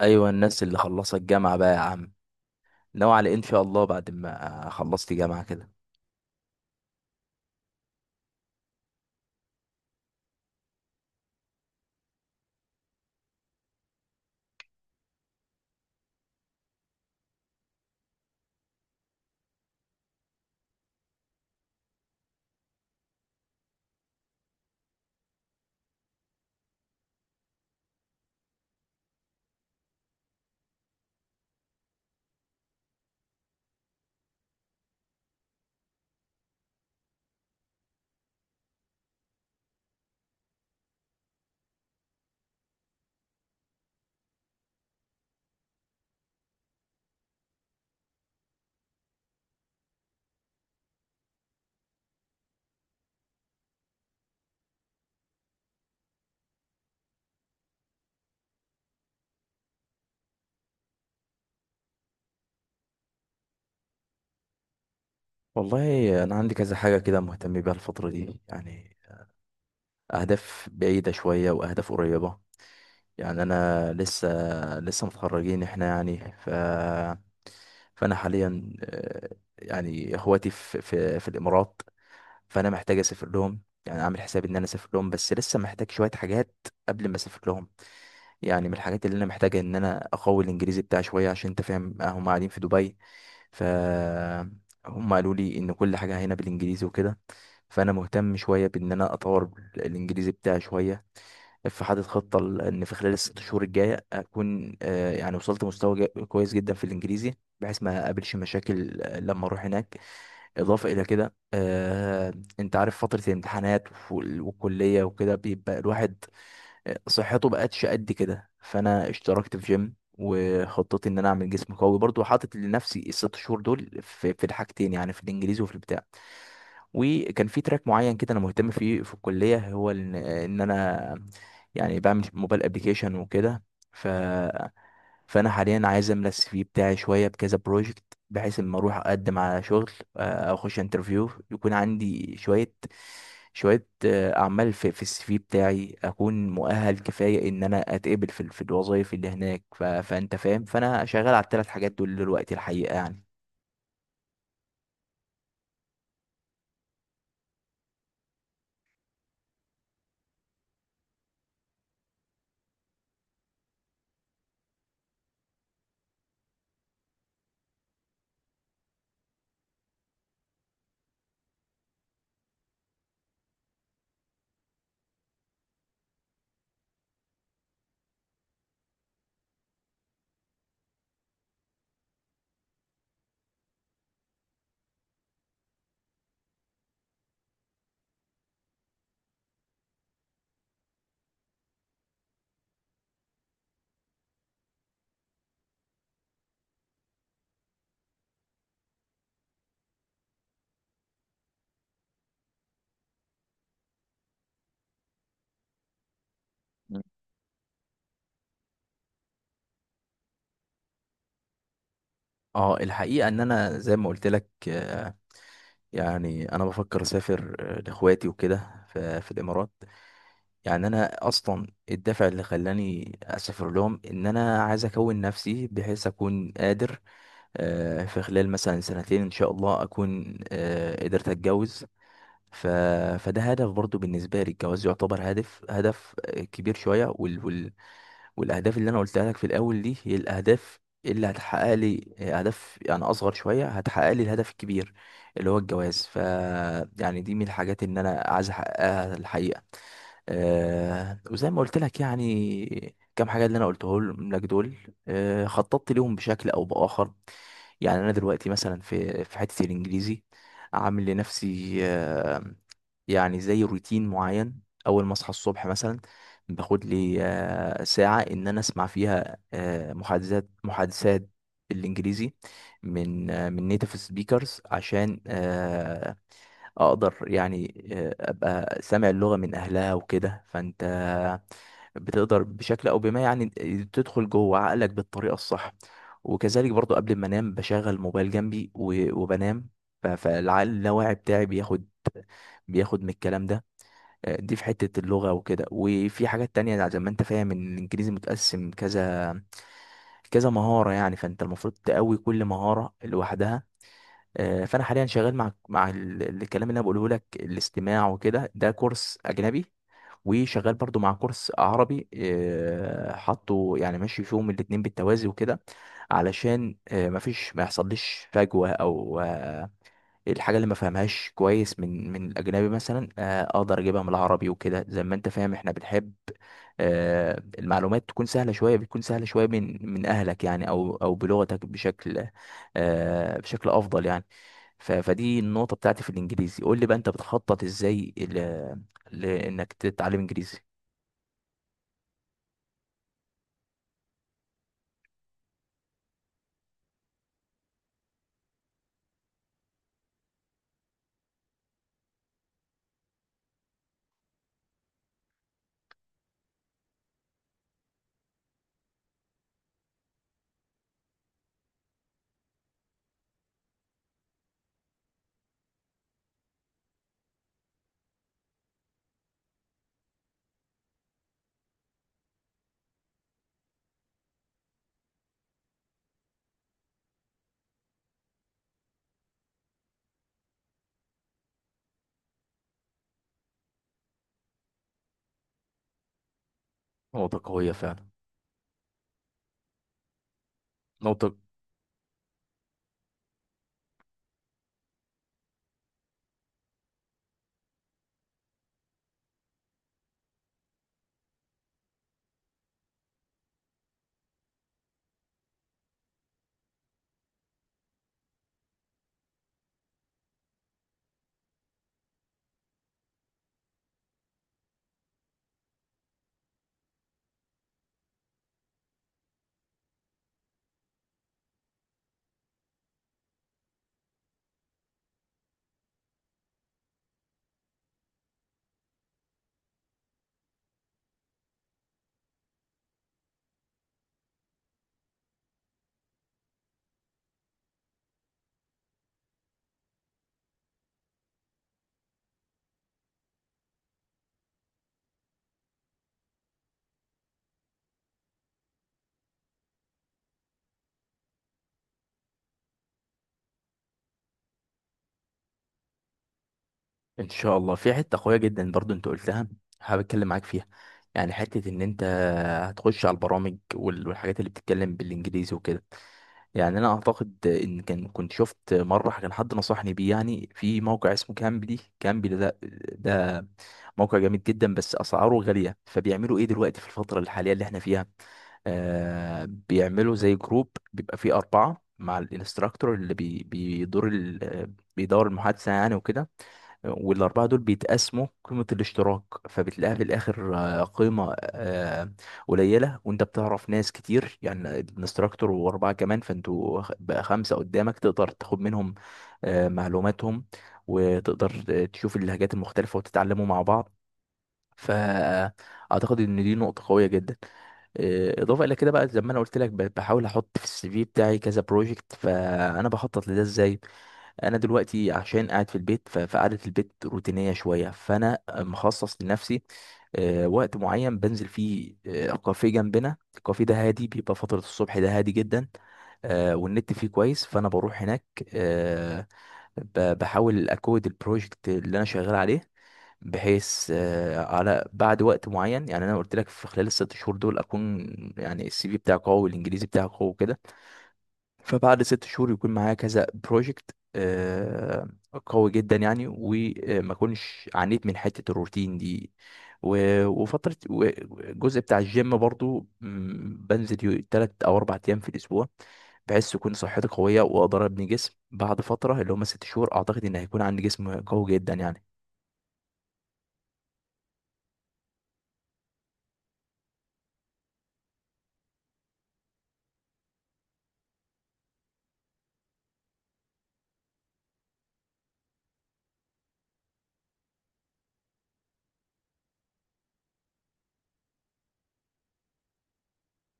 ايوه، الناس اللي خلصت جامعه بقى يا عم، ناوي على إيه ان شاء الله بعد ما خلصت جامعه كده؟ والله انا عندي كذا حاجه كده مهتم بيها الفتره دي يعني، اهداف بعيده شويه واهداف قريبه. يعني انا لسه متخرجين احنا يعني، فانا حاليا يعني اخواتي في الامارات. فانا محتاج اسافر لهم، يعني اعمل حساب ان انا اسافر لهم، بس لسه محتاج شويه حاجات قبل ما اسافر لهم. يعني من الحاجات اللي انا محتاجة ان انا اقوي الانجليزي بتاعي شوية، عشان انت فاهم هم قاعدين في دبي. ف هم قالوا لي ان كل حاجة هنا بالانجليزي وكده، فانا مهتم شوية بان انا اطور الانجليزي بتاعي شوية. فحاطط خطة ان في خلال الـ6 شهور الجاية اكون يعني وصلت مستوى كويس جدا في الانجليزي، بحيث ما اقابلش مشاكل لما اروح هناك. اضافة الى كده، انت عارف فترة الامتحانات والكلية وكده بيبقى الواحد صحته بقتش قد كده. فانا اشتركت في جيم، وخطتي ان انا اعمل جسم قوي برضو. حاطط لنفسي الـ6 شهور دول في الحاجتين يعني: في الانجليزي وفي البتاع. وكان في تراك معين كده انا مهتم فيه في الكليه، هو ان انا يعني بعمل موبايل ابلكيشن وكده. ف فانا حاليا عايز املى السي في بتاعي شويه بكذا بروجكت، بحيث اما اروح اقدم على شغل او اخش انترفيو يكون عندي شويه اعمال في السي في بتاعي، اكون مؤهل كفايه ان انا اتقبل في الوظائف اللي هناك. فانت فاهم، فانا شغال على الـ3 حاجات دول دلوقتي الحقيقه يعني. مم. اه، الحقيقة ان انا زي ما قلت لك، يعني انا بفكر اسافر لاخواتي وكده في الامارات. يعني انا اصلا الدافع اللي خلاني اسافر لهم ان انا عايز اكون نفسي، بحيث اكون قادر في خلال مثلا سنتين ان شاء الله اكون قدرت اتجوز. ف... فده هدف برضو بالنسبه لي. الجواز يعتبر هدف هدف كبير شويه، والاهداف اللي انا قلتها لك في الاول دي هي الاهداف اللي هتحقق لي اهداف يعني اصغر شويه، هتحقق لي الهدف الكبير اللي هو الجواز. يعني دي من الحاجات اللي انا عايز احققها الحقيقه. وزي ما قلت لك يعني كام حاجه اللي انا قلته لك دول خططت ليهم بشكل او باخر. يعني انا دلوقتي مثلا في حته الانجليزي عامل لنفسي يعني زي روتين معين: اول ما اصحى الصبح مثلا باخد لي ساعه ان انا اسمع فيها محادثات محادثات بالانجليزي من نيتيف سبيكرز، عشان اقدر يعني ابقى سامع اللغة من اهلها وكده. فانت بتقدر بشكل او بما يعني تدخل جوه عقلك بالطريقة الصح. وكذلك برضو قبل ما انام بشغل موبايل جنبي وبنام، فالعقل اللاواعي بتاعي بياخد من الكلام ده. دي في حتة اللغة وكده، وفي حاجات تانية يعني زي ما انت فاهم ان الانجليزي متقسم كذا مهارة يعني، فانت المفروض تقوي كل مهارة لوحدها. فانا حاليا شغال مع الكلام اللي انا بقوله لك، الاستماع وكده، ده كورس اجنبي، وشغال برضو مع كورس عربي حطه، يعني ماشي فيهم الاتنين بالتوازي وكده، علشان مفيش ما يحصلش فجوة. او آه، الحاجة اللي ما فهمهاش كويس من الاجنبي مثلا اقدر اجيبها من العربي وكده. زي ما انت فاهم احنا بنحب المعلومات تكون سهلة شوية، بتكون سهلة شوية من اهلك يعني او بلغتك بشكل بشكل افضل يعني. فدي النقطة بتاعتي في الإنجليزي. قول لي بقى أنت بتخطط إزاي لإنك تتعلم إنجليزي. نقطة قوية فعلا. نقطة. إن شاء الله. في حتة قوية جدا برضو أنت قلتها، حابب أتكلم معاك فيها. يعني حتة إن أنت هتخش على البرامج والحاجات اللي بتتكلم بالإنجليزي وكده. يعني انا اعتقد ان كان كنت شفت مره كان حد نصحني بيه، يعني في موقع اسمه كامبلي. كامبلي ده ده موقع جامد جدا، بس اسعاره غاليه. فبيعملوا ايه دلوقتي في الفتره الحاليه اللي احنا فيها؟ بيعملوا زي جروب بيبقى فيه 4 مع الانستراكتور، اللي بيدور المحادثه يعني وكده، والـ4 دول بيتقسموا قيمة الاشتراك. فبتلاقيها في الآخر قيمة قليلة، وأنت بتعرف ناس كتير يعني: الانستراكتور و4 كمان، فأنتوا بقى 5 قدامك، تقدر تاخد منهم معلوماتهم، وتقدر تشوف اللهجات المختلفة وتتعلموا مع بعض. فأعتقد إن دي نقطة قوية جدا. إضافة إلى كده بقى، زي ما أنا قلت لك بحاول أحط في السي في بتاعي كذا بروجكت. فأنا بخطط لده إزاي: انا دلوقتي عشان قاعد في البيت فقعدة البيت روتينية شوية. فانا مخصص لنفسي وقت معين بنزل فيه كافيه جنبنا. الكافيه ده هادي، بيبقى فترة الصبح ده هادي جدا والنت فيه كويس، فانا بروح هناك آه، بحاول اكود البروجكت اللي انا شغال عليه، بحيث على بعد وقت معين. يعني انا قلت لك في خلال الـ6 شهور دول اكون يعني السي في بتاعي قوي والانجليزي بتاعي قوي كده. فبعد 6 شهور يكون معايا كذا بروجكت قوي جدا يعني، وما اكونش عانيت من حته الروتين دي. وفتره الجزء بتاع الجيم برضو، بنزل 3 أو 4 أيام في الاسبوع، بحيث تكون صحتي قويه واقدر ابني جسم. بعد فتره اللي هم 6 شهور اعتقد ان هيكون عندي جسم قوي جدا يعني.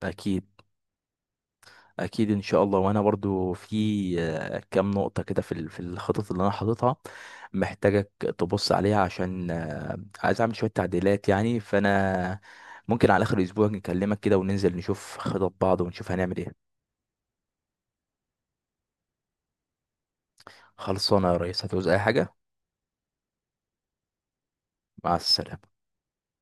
اكيد. اكيد ان شاء الله. وانا برضو في كام نقطه كده في الخطط اللي انا حاططها محتاجك تبص عليها، عشان عايز اعمل شويه تعديلات يعني. فانا ممكن على اخر اسبوع نكلمك كده، وننزل نشوف خطط بعض ونشوف هنعمل ايه. خلصانه يا ريس. هتعوز اي حاجه؟ مع السلامه.